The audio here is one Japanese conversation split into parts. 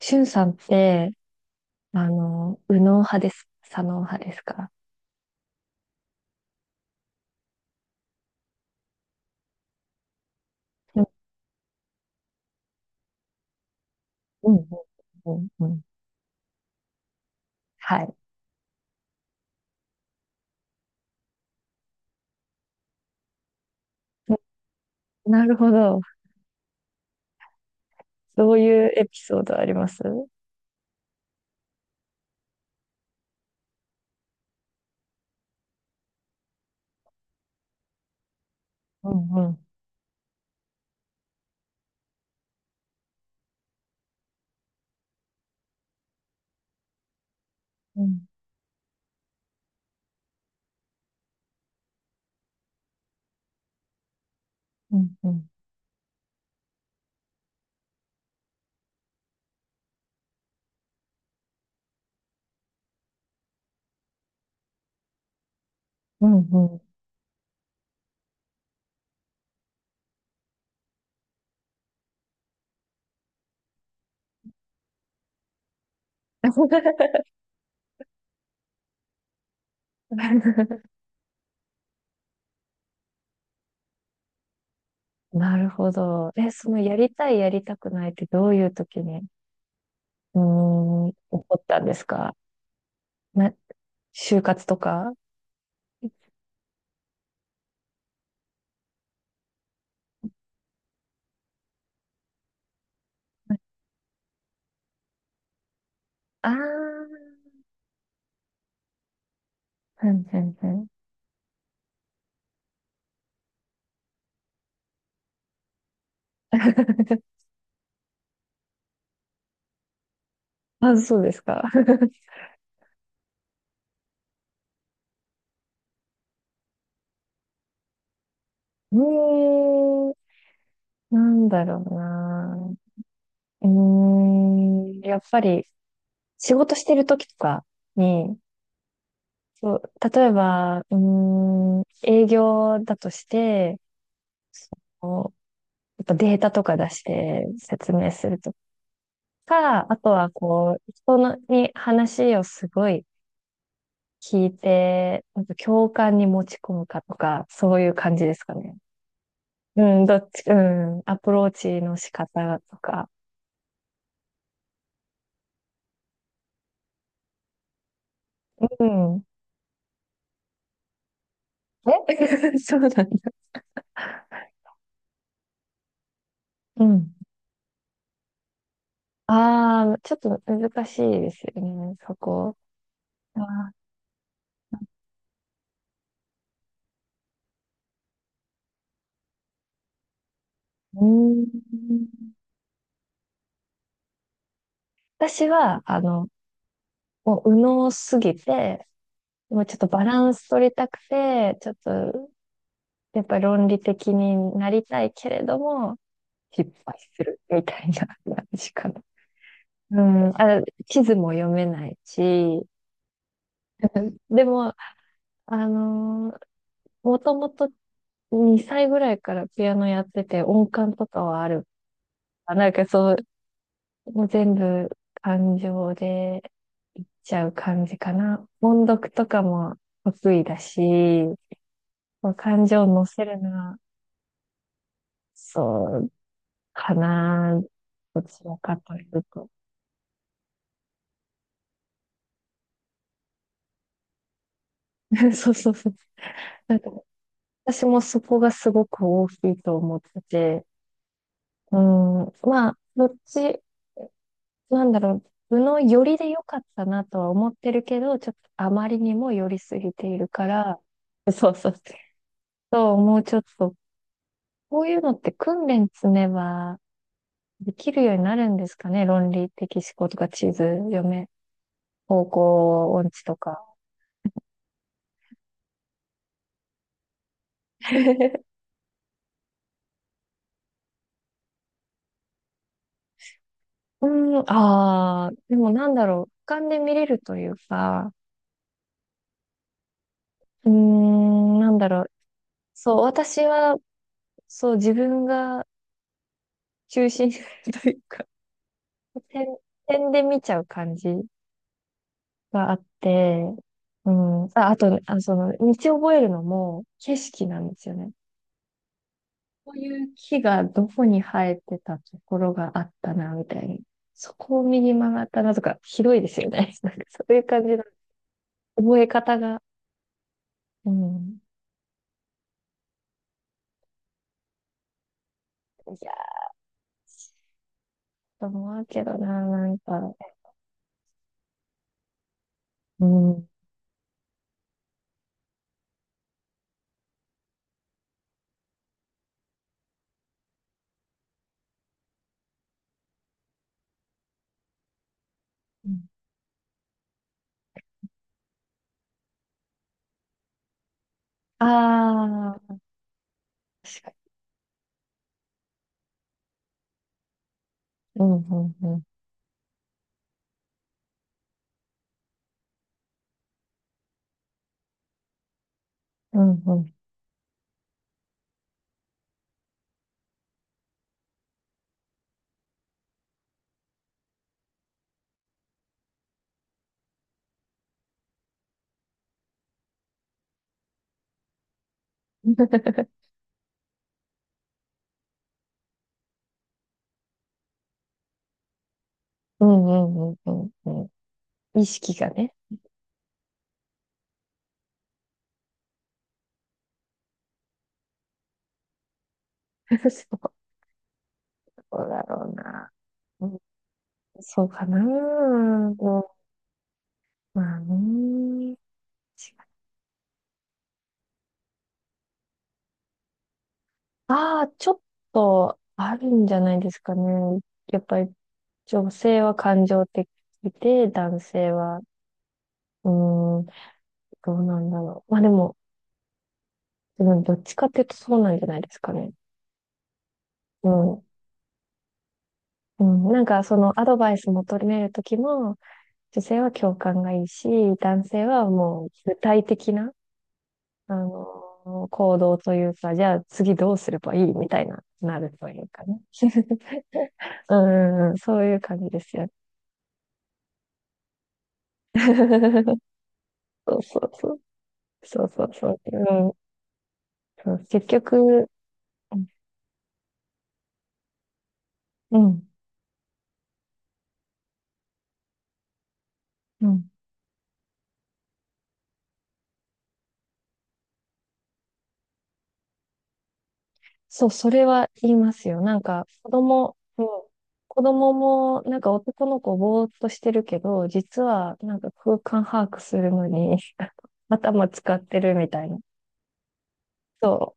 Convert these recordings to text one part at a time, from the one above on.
しゅんさんって、右脳派です、左脳派ですか？うん、うん、うん、うん。うん。はい。ななるほど。どういうエピソードあります？うん、うん、うん、うん、うん、うん。うん。 なるほど。え、そのやりたい、やりたくないってどういう時に、起こったんですか？な、就活とか。ああ、うんうんうん。あ、そうですか。うーんなんだろうな。やっぱり仕事してる時とかに、そう、例えば、営業だとして、こうやっぱデータとか出して説明するとか、あとはこう、人のに話をすごい聞いて、なんか共感に持ち込むかとか、そういう感じですかね。うん、どっち、うん、アプローチの仕方とか。うん。え そうなんだね。うん。ああ、ちょっと難しいですよね、そこ。あー、うーん。私は、もう右脳すぎて、もうちょっとバランス取りたくて、ちょっと、やっぱり論理的になりたいけれども、失敗するみたいな感じかな。うん、あ、地図も読めないし、でも、あのー、もともと2歳ぐらいからピアノやってて、音感とかはある。あ、なんかそう、もう全部感情でいっちゃう感じかな。音読とかも得意だし、こう感情を乗せるのは、そうかな。どちらかというと。そうそうそう。なんか私もそこがすごく大きいと思ってて、うん、まあ、どっち、なんだろう、部の寄りで良かったなとは思ってるけど、ちょっとあまりにも寄りすぎているから、そうそう。そう、もうちょっとこういうのって訓練積めばできるようになるんですかね、論理的思考とか、地図読め、方向音痴とか。ああ、でもなんだろう、俯瞰で見れるというか、なんだろう、そう、私は、そう、自分が中心 というか、点、点で見ちゃう感じがあって、うん、あ、あと、あ、その、道覚えるのも景色なんですよね。こういう木がどこに生えてたところがあったな、みたいに。そこを右曲がったなとか、広いですよね。なんかそういう感じの覚え方が。うん。いやー、と思うけどな、なんか。うん。うん、ああ、確かに。うん、うん、うん。うん、うん。うん、うん、うん、うんうん。意識がね。そうだろうな。うん、そうかな。もうまあね。ああ、ちょっとあるんじゃないですかね。やっぱり女性は感情的で、男性は、うーん、どうなんだろう。まあでもどっちかっていうとそうなんじゃないですかね。うん。うん、なんかそのアドバイス求めるときも、女性は共感がいいし、男性はもう具体的な、行動というか、じゃあ次どうすればいいみたいな、なるというかね。うん、そういう感じですよね。そうそうそう。そうそうそう。うん。そう結局、うん、うん。そう、それは言いますよ。なんか、子供、うん。子供も、なんか男の子ぼーっとしてるけど、実は、なんか空間把握するのに 頭使ってるみたいな。そ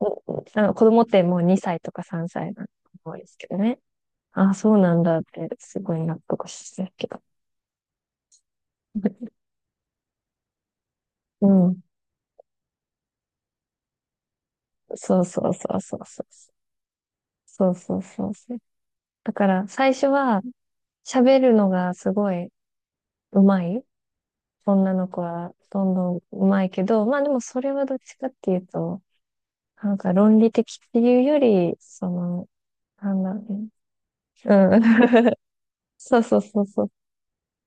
う。うんうあの子供ってもう2歳とか3歳なん多いですけどね。ああ、そうなんだって、すごい納得してるけど。うん。そうそうそうそうそう。そうそうそうそう。だから最初は喋るのがすごい上手い女の子はどんどん上手いけど、まあでもそれはどっちかっていうと、なんか論理的っていうより、その、なんだろうね。うん。そうそうそうそう。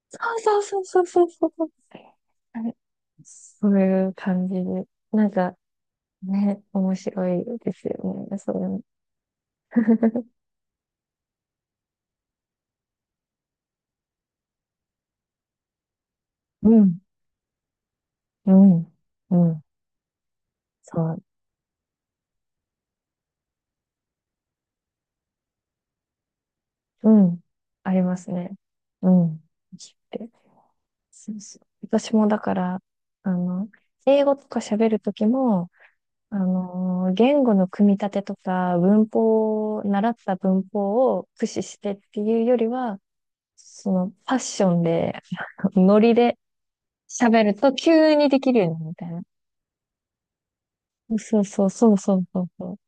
そうそうそうそうそうそう。あれそういう感じで。なんかね、面白いですよね。そういう うん、うん、うん。そう。うん。ありますね。うん。って。そうそう。私もだから、あの、英語とか喋るときも、言語の組み立てとか、文法を、習った文法を駆使してっていうよりは、その、パッションで、ノリで喋ると急にできるようになるみたいな。そうそうそうそうそうそう。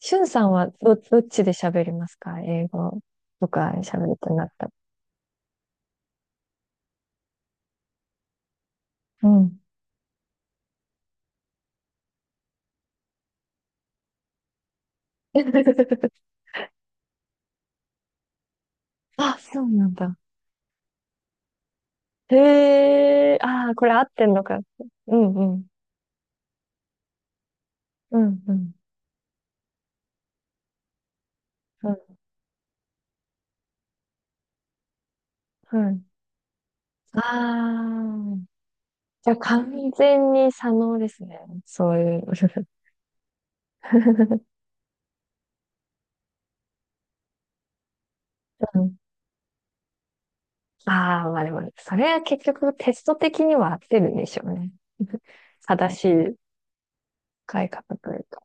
しゅんさんはどっちで喋りますか、英語とか喋るとなったら？うん。あ、そうなんだ。へえ、ああ、これ合ってんのか。うんうん。うんうん。うん。うん、ああ。じゃあ完全に左脳ですね。そういう。うん、ああ、まあでも、それは結局テスト的には合ってるんでしょうね。正しい使い方というか。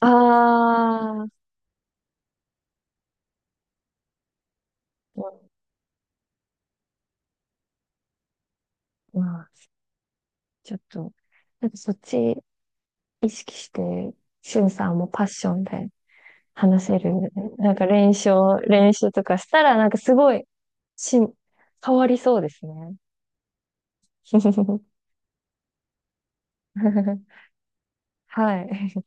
ああ、まあ、ちょっと、なんかそっち意識して、しゅんさんもパッションで話せるんでね。なんか練習とかしたら、なんかすごい、し、変わりそうですね。はい。